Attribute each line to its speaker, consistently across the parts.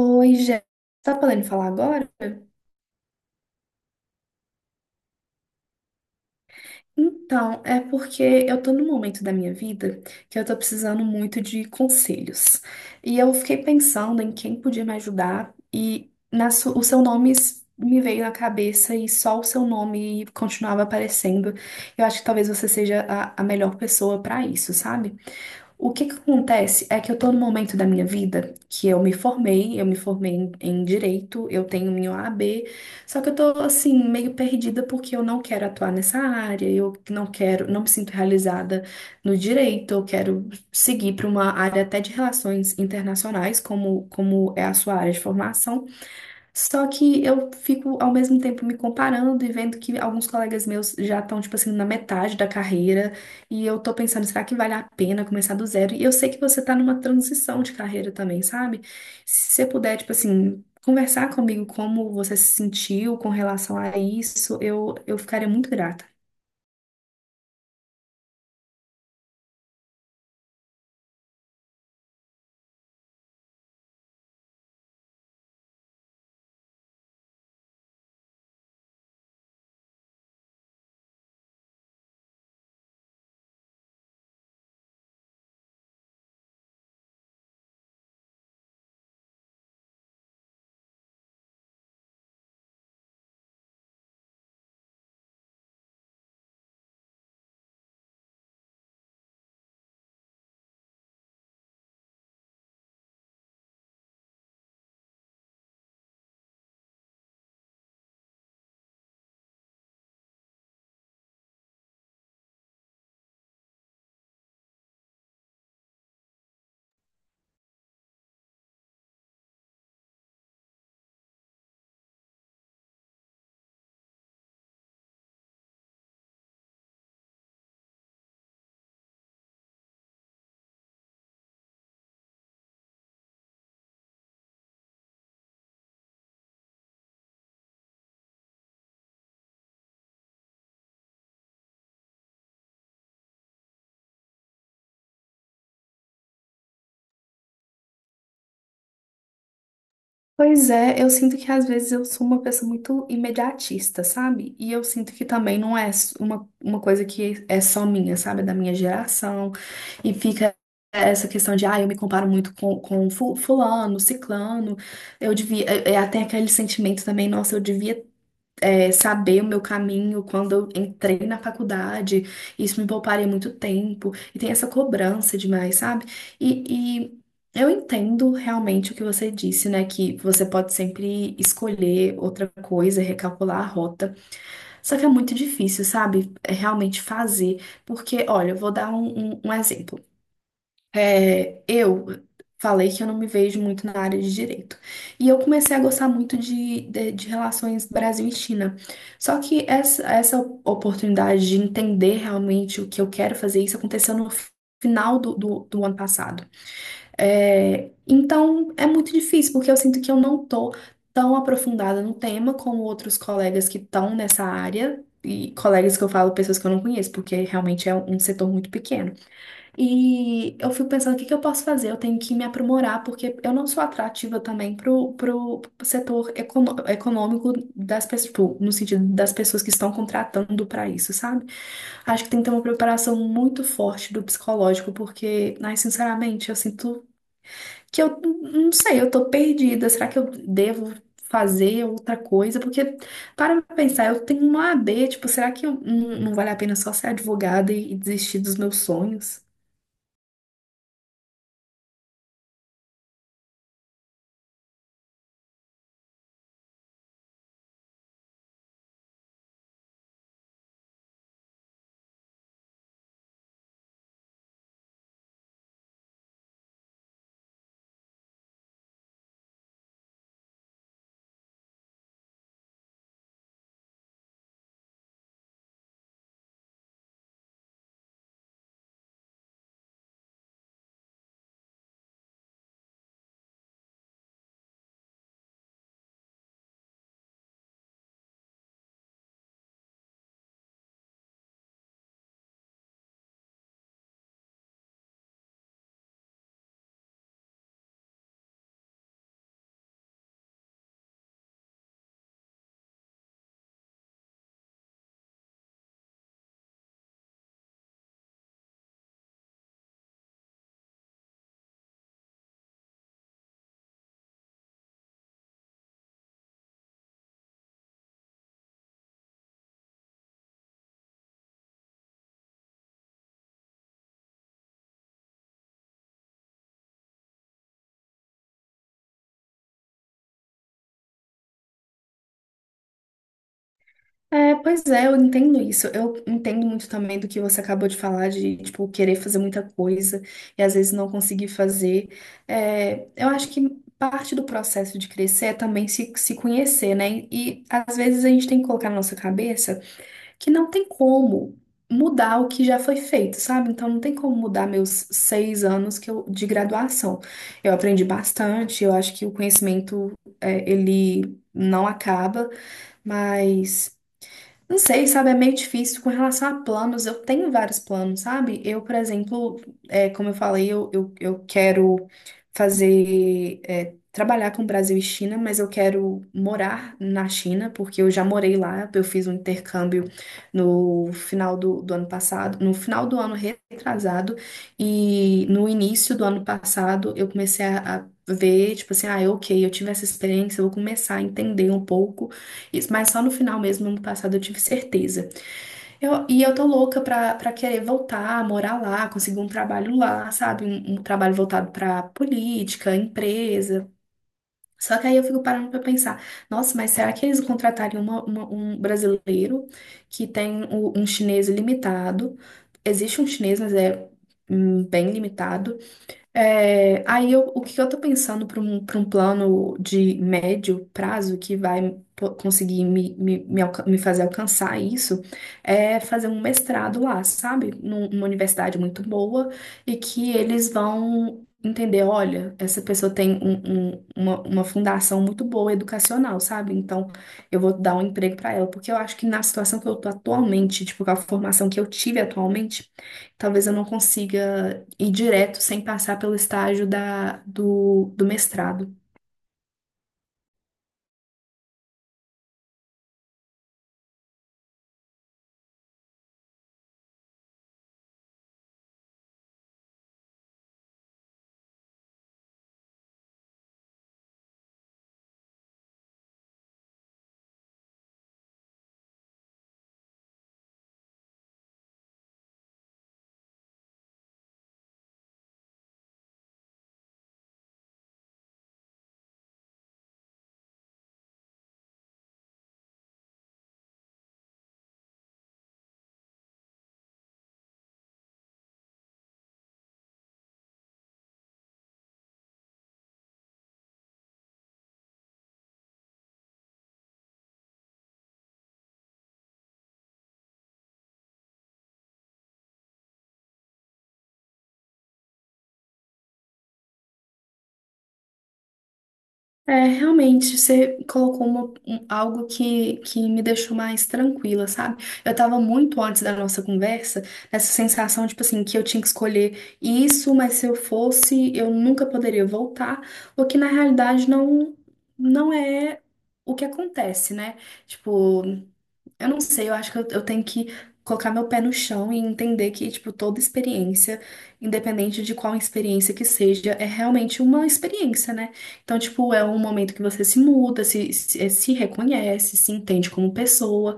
Speaker 1: Oi, Jé. Tá podendo falar agora? Então, é porque eu tô num momento da minha vida que eu tô precisando muito de conselhos. E eu fiquei pensando em quem podia me ajudar e o seu me veio na cabeça e só o seu nome continuava aparecendo. Eu acho que talvez você seja a melhor pessoa pra isso, sabe? O que que acontece é que eu tô no momento da minha vida que eu me formei em direito, eu tenho minha OAB, só que eu tô assim meio perdida porque eu não quero atuar nessa área, eu não quero, não me sinto realizada no direito, eu quero seguir para uma área até de relações internacionais, como é a sua área de formação. Só que eu fico ao mesmo tempo me comparando e vendo que alguns colegas meus já estão, tipo assim, na metade da carreira. E eu tô pensando, será que vale a pena começar do zero? E eu sei que você tá numa transição de carreira também, sabe? Se você puder, tipo assim, conversar comigo como você se sentiu com relação a isso, eu ficaria muito grata. Pois é, eu sinto que às vezes eu sou uma pessoa muito imediatista, sabe? E eu sinto que também não é uma coisa que é só minha, sabe? É da minha geração. E fica essa questão de, ah, eu me comparo muito com fulano, ciclano. Eu devia. É até aquele sentimento também, nossa, eu devia saber o meu caminho quando eu entrei na faculdade. Isso me pouparia muito tempo. E tem essa cobrança demais, sabe? E eu entendo realmente o que você disse, né? Que você pode sempre escolher outra coisa, recalcular a rota. Só que é muito difícil, sabe? É realmente fazer. Porque, olha, eu vou dar um, um exemplo. Eu falei que eu não me vejo muito na área de direito. E eu comecei a gostar muito de relações Brasil e China. Só que essa oportunidade de entender realmente o que eu quero fazer, isso aconteceu no final do ano passado. Então, é muito difícil, porque eu sinto que eu não tô tão aprofundada no tema como outros colegas que estão nessa área. E colegas que eu falo, pessoas que eu não conheço, porque realmente é um setor muito pequeno. E eu fico pensando, o que que eu posso fazer? Eu tenho que me aprimorar, porque eu não sou atrativa também pro, pro setor econômico das pessoas, tipo, no sentido das pessoas que estão contratando para isso, sabe? Acho que tem que ter uma preparação muito forte do psicológico, porque, ai, sinceramente, eu sinto que eu não sei, eu tô perdida. Será que eu devo fazer outra coisa? Porque, para pra pensar, eu tenho uma AB, tipo, será que eu, não, não vale a pena só ser advogada e desistir dos meus sonhos? Pois é, eu entendo isso. Eu entendo muito também do que você acabou de falar, de, tipo, querer fazer muita coisa e às vezes não conseguir fazer. Eu acho que parte do processo de crescer é também se conhecer, né? E às vezes a gente tem que colocar na nossa cabeça que não tem como mudar o que já foi feito, sabe? Então não tem como mudar meus 6 anos que eu, de graduação. Eu aprendi bastante, eu acho que o conhecimento, ele não acaba, mas. Não sei, sabe, é meio difícil com relação a planos. Eu tenho vários planos, sabe? Eu, por exemplo, como eu falei, eu quero fazer, trabalhar com Brasil e China, mas eu quero morar na China, porque eu já morei lá. Eu fiz um intercâmbio no final do ano passado, no final do ano retrasado, e no início do ano passado eu comecei a ver, tipo assim, ah, é ok, eu tive essa experiência, eu vou começar a entender um pouco. Isso, mas só no final mesmo, ano passado, eu tive certeza. Eu, e eu tô louca pra querer voltar, morar lá, conseguir um trabalho lá, sabe? Um trabalho voltado pra política, empresa. Só que aí eu fico parando pra pensar, nossa, mas será que eles contratariam um brasileiro que tem um chinês limitado? Existe um chinês, mas é bem limitado. É, aí eu, o que eu tô pensando para um plano de médio prazo que vai conseguir me fazer alcançar isso é fazer um mestrado lá, sabe? Numa universidade muito boa e que eles vão entender, olha, essa pessoa tem uma fundação muito boa educacional, sabe? Então eu vou dar um emprego para ela, porque eu acho que na situação que eu tô atualmente, tipo, com a formação que eu tive atualmente, talvez eu não consiga ir direto sem passar pelo estágio da, do mestrado. Realmente, você colocou algo que me deixou mais tranquila, sabe? Eu tava muito antes da nossa conversa, nessa sensação, tipo assim, que eu tinha que escolher isso, mas se eu fosse, eu nunca poderia voltar, o que na realidade não, não é o que acontece, né? Tipo, eu não sei, eu acho que eu tenho que colocar meu pé no chão e entender que, tipo, toda experiência, independente de qual experiência que seja, é realmente uma experiência, né? Então, tipo, é um momento que você se muda, se reconhece, se entende como pessoa.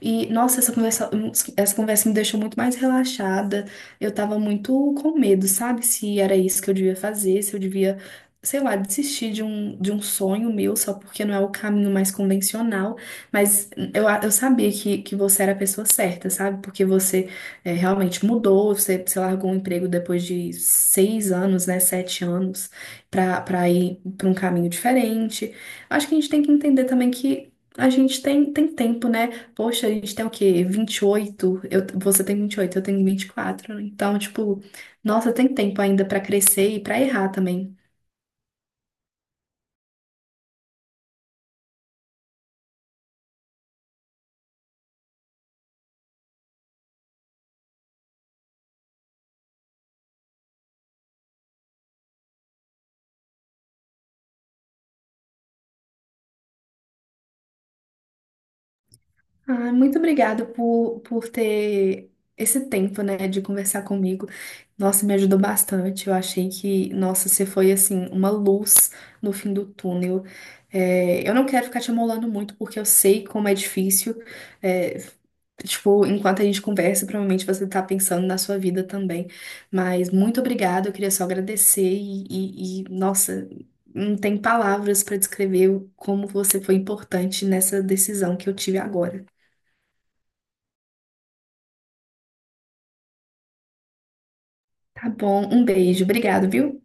Speaker 1: E, nossa, essa conversa me deixou muito mais relaxada. Eu tava muito com medo, sabe? Se era isso que eu devia fazer, se eu devia, sei lá, desistir de um sonho meu só porque não é o caminho mais convencional. Mas eu, eu sabia que você era a pessoa certa, sabe? Porque você realmente mudou, você largou um emprego depois de 6 anos, né? 7 anos, pra ir pra um caminho diferente. Acho que a gente tem que entender também que. A gente tem, tem tempo, né? Poxa, a gente tem o quê? 28. Eu, você tem 28, eu tenho 24, né? Então, tipo, nossa, tem tempo ainda pra crescer e pra errar também. Ah, muito obrigada por ter esse tempo, né, de conversar comigo. Nossa, me ajudou bastante. Eu achei que, nossa, você foi, assim, uma luz no fim do túnel. É, eu não quero ficar te amolando muito, porque eu sei como é difícil. É, tipo, enquanto a gente conversa, provavelmente você tá pensando na sua vida também. Mas muito obrigada, eu queria só agradecer nossa, não tem palavras para descrever como você foi importante nessa decisão que eu tive agora. Tá bom, um beijo. Obrigado, viu?